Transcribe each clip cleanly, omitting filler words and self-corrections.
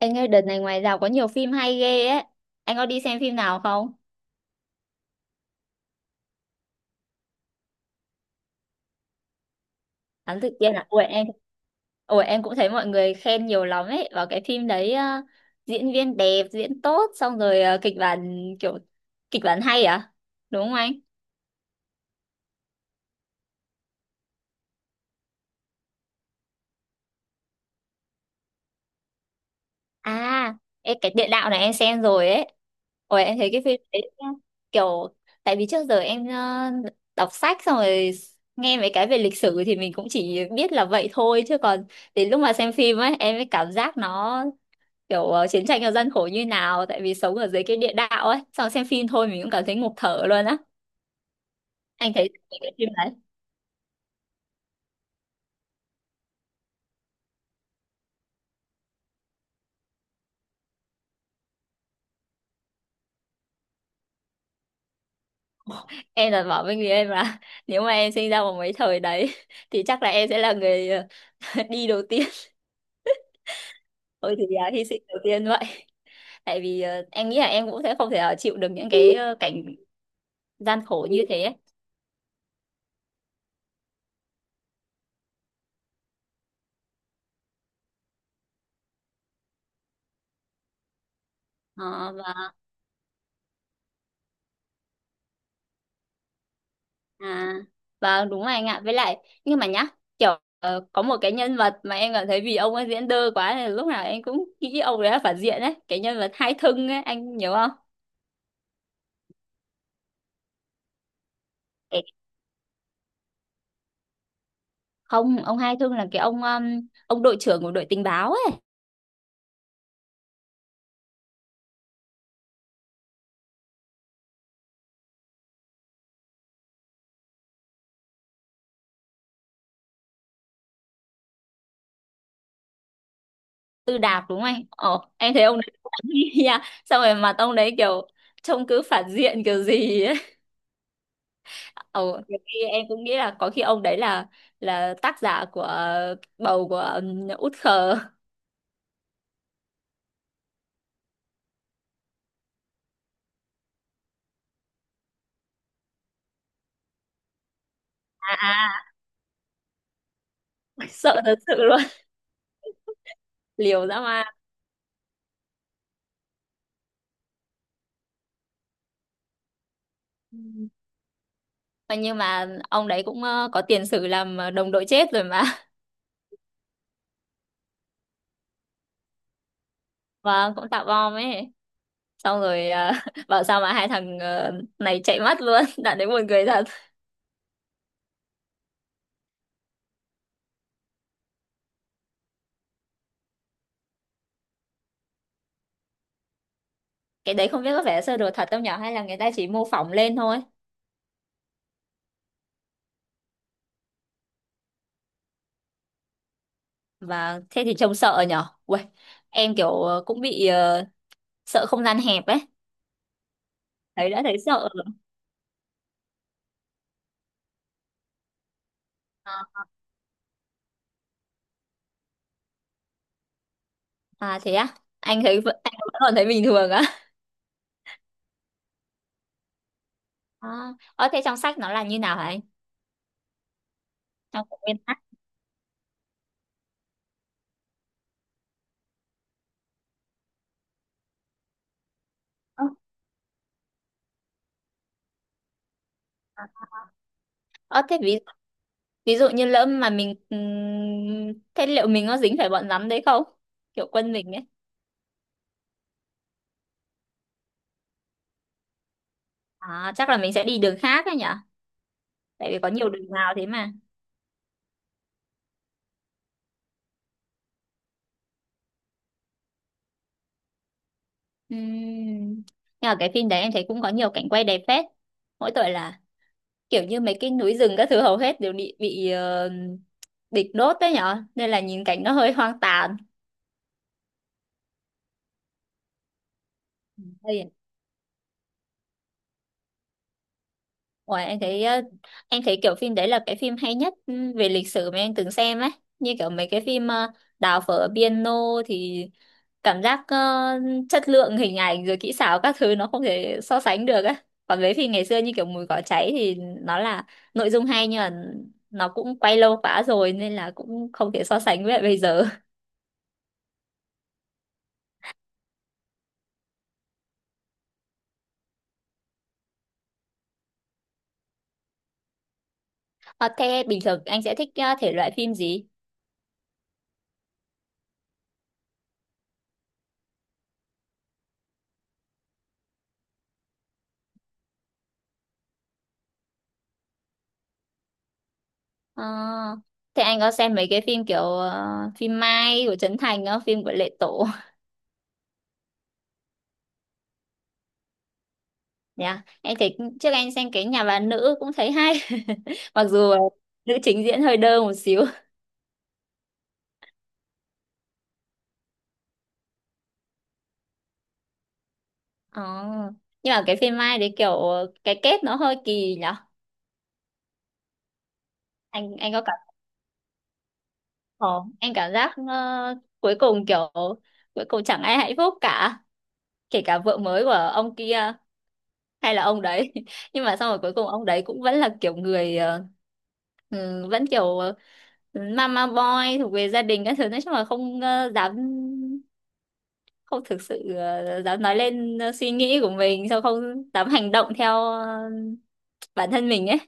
Anh ơi, đợt này ngoài rạp có nhiều phim hay ghê ấy. Anh có đi xem phim nào không? Thám tử Kiên à? Ủa em cũng thấy mọi người khen nhiều lắm ấy. Vào cái phim đấy, diễn viên đẹp, diễn tốt, xong rồi kịch bản kiểu kịch bản hay à? Đúng không anh? À, ê, cái địa đạo này em xem rồi ấy. Ủa em thấy cái phim đấy nhá, kiểu tại vì trước giờ em đọc sách xong rồi nghe mấy cái về lịch sử thì mình cũng chỉ biết là vậy thôi chứ còn đến lúc mà xem phim ấy em mới cảm giác nó kiểu, chiến tranh ở dân khổ như nào tại vì sống ở dưới cái địa đạo ấy xong xem phim thôi mình cũng cảm thấy ngộp thở luôn á. Anh thấy cái phim đấy em là bảo với người em là nếu mà em sinh ra vào mấy thời đấy thì chắc là em sẽ là người đi đầu tiên thôi thì à, hy sinh đầu tiên vậy. Tại vì em nghĩ là em cũng sẽ không thể chịu được những cái cảnh gian khổ như thế ấy. Ờ, à, vâng đúng rồi anh ạ. Với lại nhưng mà nhá, kiểu, có một cái nhân vật mà em cảm thấy vì ông ấy diễn đơ quá nên lúc nào em cũng nghĩ ông đấy là phản diện đấy, cái nhân vật Hai Thưng ấy, anh nhớ không? Cái- Không, ông Hai Thưng là cái ông đội trưởng của đội tình báo ấy. Tư Đạp đúng không anh? Ồ, em thấy ông đấy cũng đáng nghi nha. Xong rồi mặt ông đấy kiểu trông cứ phản diện kiểu gì ấy. Ồ, nhiều khi em cũng nghĩ là có khi ông đấy là tác giả của bầu của Út Khờ. À, à. Sợ thật sự luôn. Liều dã man. Ừ. Mà nhưng mà ông đấy cũng có tiền sử làm đồng đội chết rồi mà và cũng tạo bom ấy, xong rồi bảo sao mà hai thằng này chạy mất luôn đoạn đấy buồn cười thật. Cái đấy không biết có vẻ sơ đồ thật không nhở hay là người ta chỉ mô phỏng lên thôi. Và thế thì trông sợ nhở. Uầy, em kiểu cũng bị, sợ không gian hẹp ấy, thấy đã thấy sợ rồi. À, à thế á, anh thấy vẫn- anh vẫn còn thấy bình thường á à, ờ thế trong sách nó là như nào hả anh, trong nguyên tắc. Ờ thế ví Ví dụ như lỡ mà mình, thế liệu mình có dính phải bọn rắn đấy không? Kiểu quân mình ấy. À chắc là mình sẽ đi đường khác ấy nhỉ? Tại vì có nhiều đường vào thế mà. Ừm. Nhưng mà cái phim đấy em thấy cũng có nhiều cảnh quay đẹp phết. Mỗi tội là kiểu như mấy cái núi rừng các thứ hầu hết đều bị địch đốt đấy nhở nên là nhìn cảnh nó hơi hoang tàn. Ủa, em thấy kiểu phim đấy là cái phim hay nhất, về lịch sử mà em từng xem ấy. Như kiểu mấy cái phim, Đào phở piano thì cảm giác, chất lượng hình ảnh rồi kỹ xảo các thứ nó không thể so sánh được ấy. Còn với phim ngày xưa như kiểu Mùi cỏ cháy thì nó là nội dung hay nhưng mà nó cũng quay lâu quá rồi nên là cũng không thể so sánh với lại bây giờ. Ờ, thế bình thường anh sẽ thích thể loại phim gì? Ờ, thế anh có xem mấy cái phim kiểu phim Mai của Trấn Thành không, phim của Lệ Tổ? Dạ, em thấy trước anh xem cái nhà bà nữ cũng thấy hay. Mặc dù nữ chính diễn hơi đơ một xíu. Ờ. Nhưng mà cái phim Mai đấy kiểu cái kết nó hơi kỳ nhở. Anh có cảm, ờ, anh cảm giác, cuối cùng kiểu cuối cùng chẳng ai hạnh phúc cả, kể cả vợ mới của ông kia hay là ông đấy. Nhưng mà xong rồi cuối cùng ông đấy cũng vẫn là kiểu người, vẫn kiểu mama boy thuộc về gia đình các thứ, nói chung là không, dám không thực sự dám nói lên suy nghĩ của mình, sao không dám hành động theo bản thân mình ấy.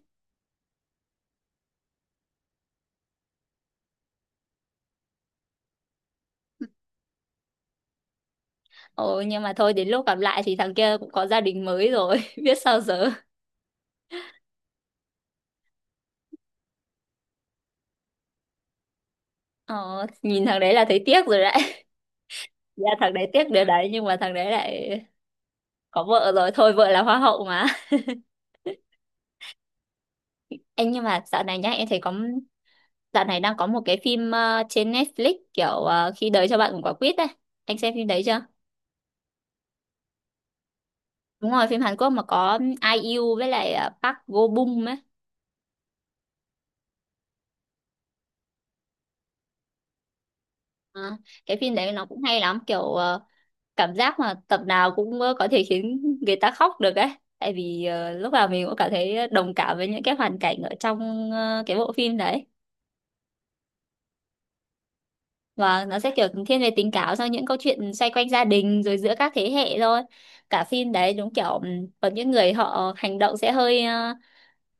Ồ, nhưng mà thôi đến lúc gặp lại thì thằng kia cũng có gia đình mới rồi biết sao giờ. Ồ, nhìn thằng đấy là thấy tiếc rồi đấy dạ thằng đấy tiếc điều đấy nhưng mà thằng đấy lại có vợ rồi thôi, vợ là hoa hậu mà anh nhưng mà dạo này nhá em thấy có, dạo này đang có một cái phim trên Netflix kiểu khi đời cho bạn một quả quýt ấy, anh xem phim đấy chưa? Đúng rồi phim Hàn Quốc mà có IU với lại Park Go Bum ấy. À, cái phim đấy nó cũng hay lắm kiểu cảm giác mà tập nào cũng có thể khiến người ta khóc được ấy. Tại vì lúc nào mình cũng cảm thấy đồng cảm với những cái hoàn cảnh ở trong cái bộ phim đấy. Vâng, nó sẽ kiểu thiên về tình cảm sau những câu chuyện xoay quanh gia đình rồi giữa các thế hệ thôi. Cả phim đấy đúng kiểu, có những người họ hành động sẽ hơi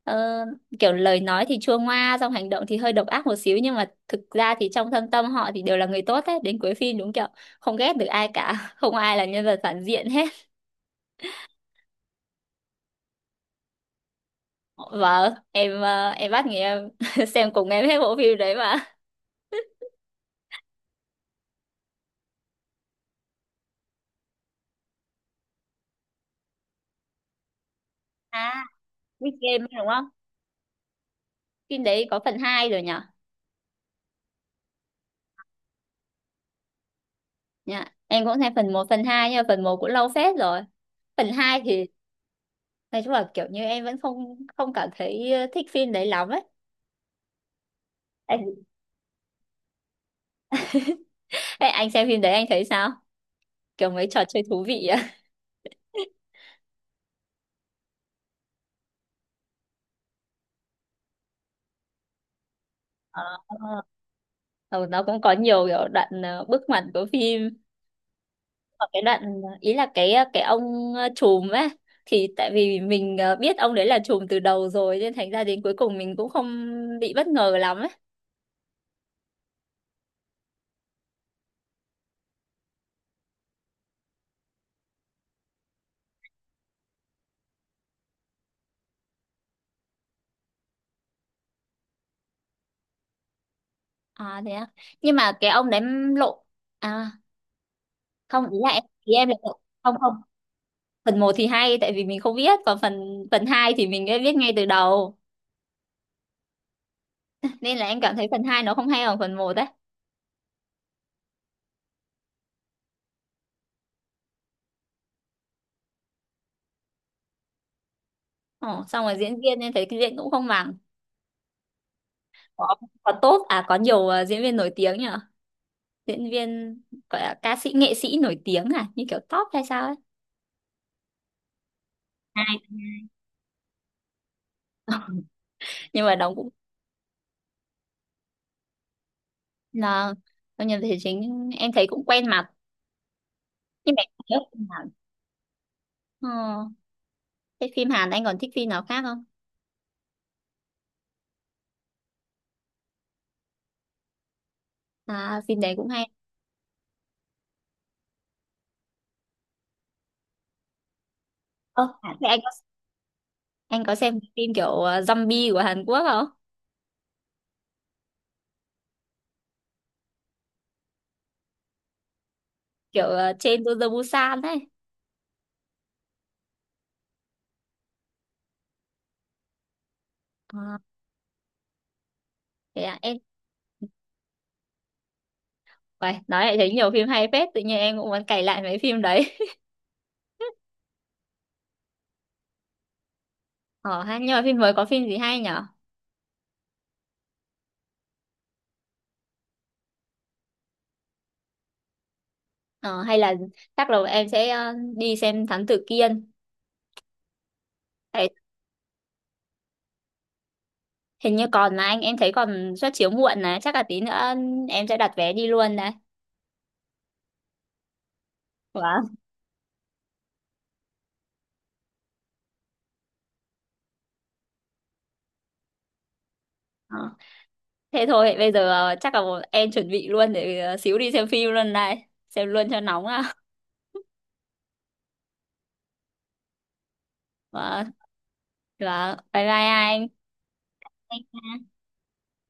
ờ, kiểu lời nói thì chua ngoa xong hành động thì hơi độc ác một xíu nhưng mà thực ra thì trong thâm tâm họ thì đều là người tốt hết. Đến cuối phim đúng kiểu không ghét được ai cả, không ai là nhân vật phản diện hết. Vâng, em em bắt người em xem cùng em hết bộ phim đấy mà. À, Squid Game đúng không? Phim đấy có phần 2 rồi nhỉ? Dạ, em cũng nghe phần một phần 2 nhưng mà phần một cũng lâu phết rồi. Phần 2 thì nói chung là kiểu như em vẫn không không cảm thấy thích phim đấy lắm ấy. Anh, ê, anh xem phim đấy anh thấy sao? Kiểu mấy trò chơi thú vị á. Ờ, ờ, nó cũng có nhiều kiểu đoạn, bước ngoặt của phim. Và cái đoạn ý là cái, cái ông, trùm ấy thì tại vì mình biết ông đấy là trùm từ đầu rồi nên thành ra đến cuối cùng mình cũng không bị bất ngờ lắm ấy. À thế à. Nhưng mà cái ông đấy lộ à, không ý là em ý em là không không, phần một thì hay tại vì mình không biết còn phần phần 2 thì mình đã biết ngay từ đầu nên là em cảm thấy phần 2 nó không hay bằng phần một đấy. Ồ, xong rồi diễn viên em thấy cái diễn cũng không bằng. Có có tốt à, có nhiều diễn viên nổi tiếng nhở, diễn viên gọi là ca sĩ nghệ sĩ nổi tiếng à như kiểu top hay sao ấy à. Nhưng mà đóng cũng là trong nhân vật thể chính em thấy cũng quen mặt. Nhưng mà em nhớ phim Hàn, ờ, thế phim Hàn anh còn thích phim nào khác không? À phim đấy cũng hay. Ờ thế anh có xem cái phim kiểu zombie của Hàn Quốc không? Kiểu trên to the Busan ấy. À, thế à, em. Uầy, nói lại thấy nhiều phim hay phết, tự nhiên em cũng muốn cày lại mấy phim đấy. Ờ ha, nhưng mà phim mới có phim gì hay nhở? Ờ, hay là chắc là em sẽ đi xem Thám Tử Kiên. Đấy, hình như còn mà anh, em thấy còn suất chiếu muộn này, chắc là tí nữa em sẽ đặt vé đi luôn đấy. Wow. Ờ. Thế thôi, bây giờ chắc là em chuẩn bị luôn để xíu đi xem phim luôn này, xem luôn cho nóng à. Và, và bye bye anh.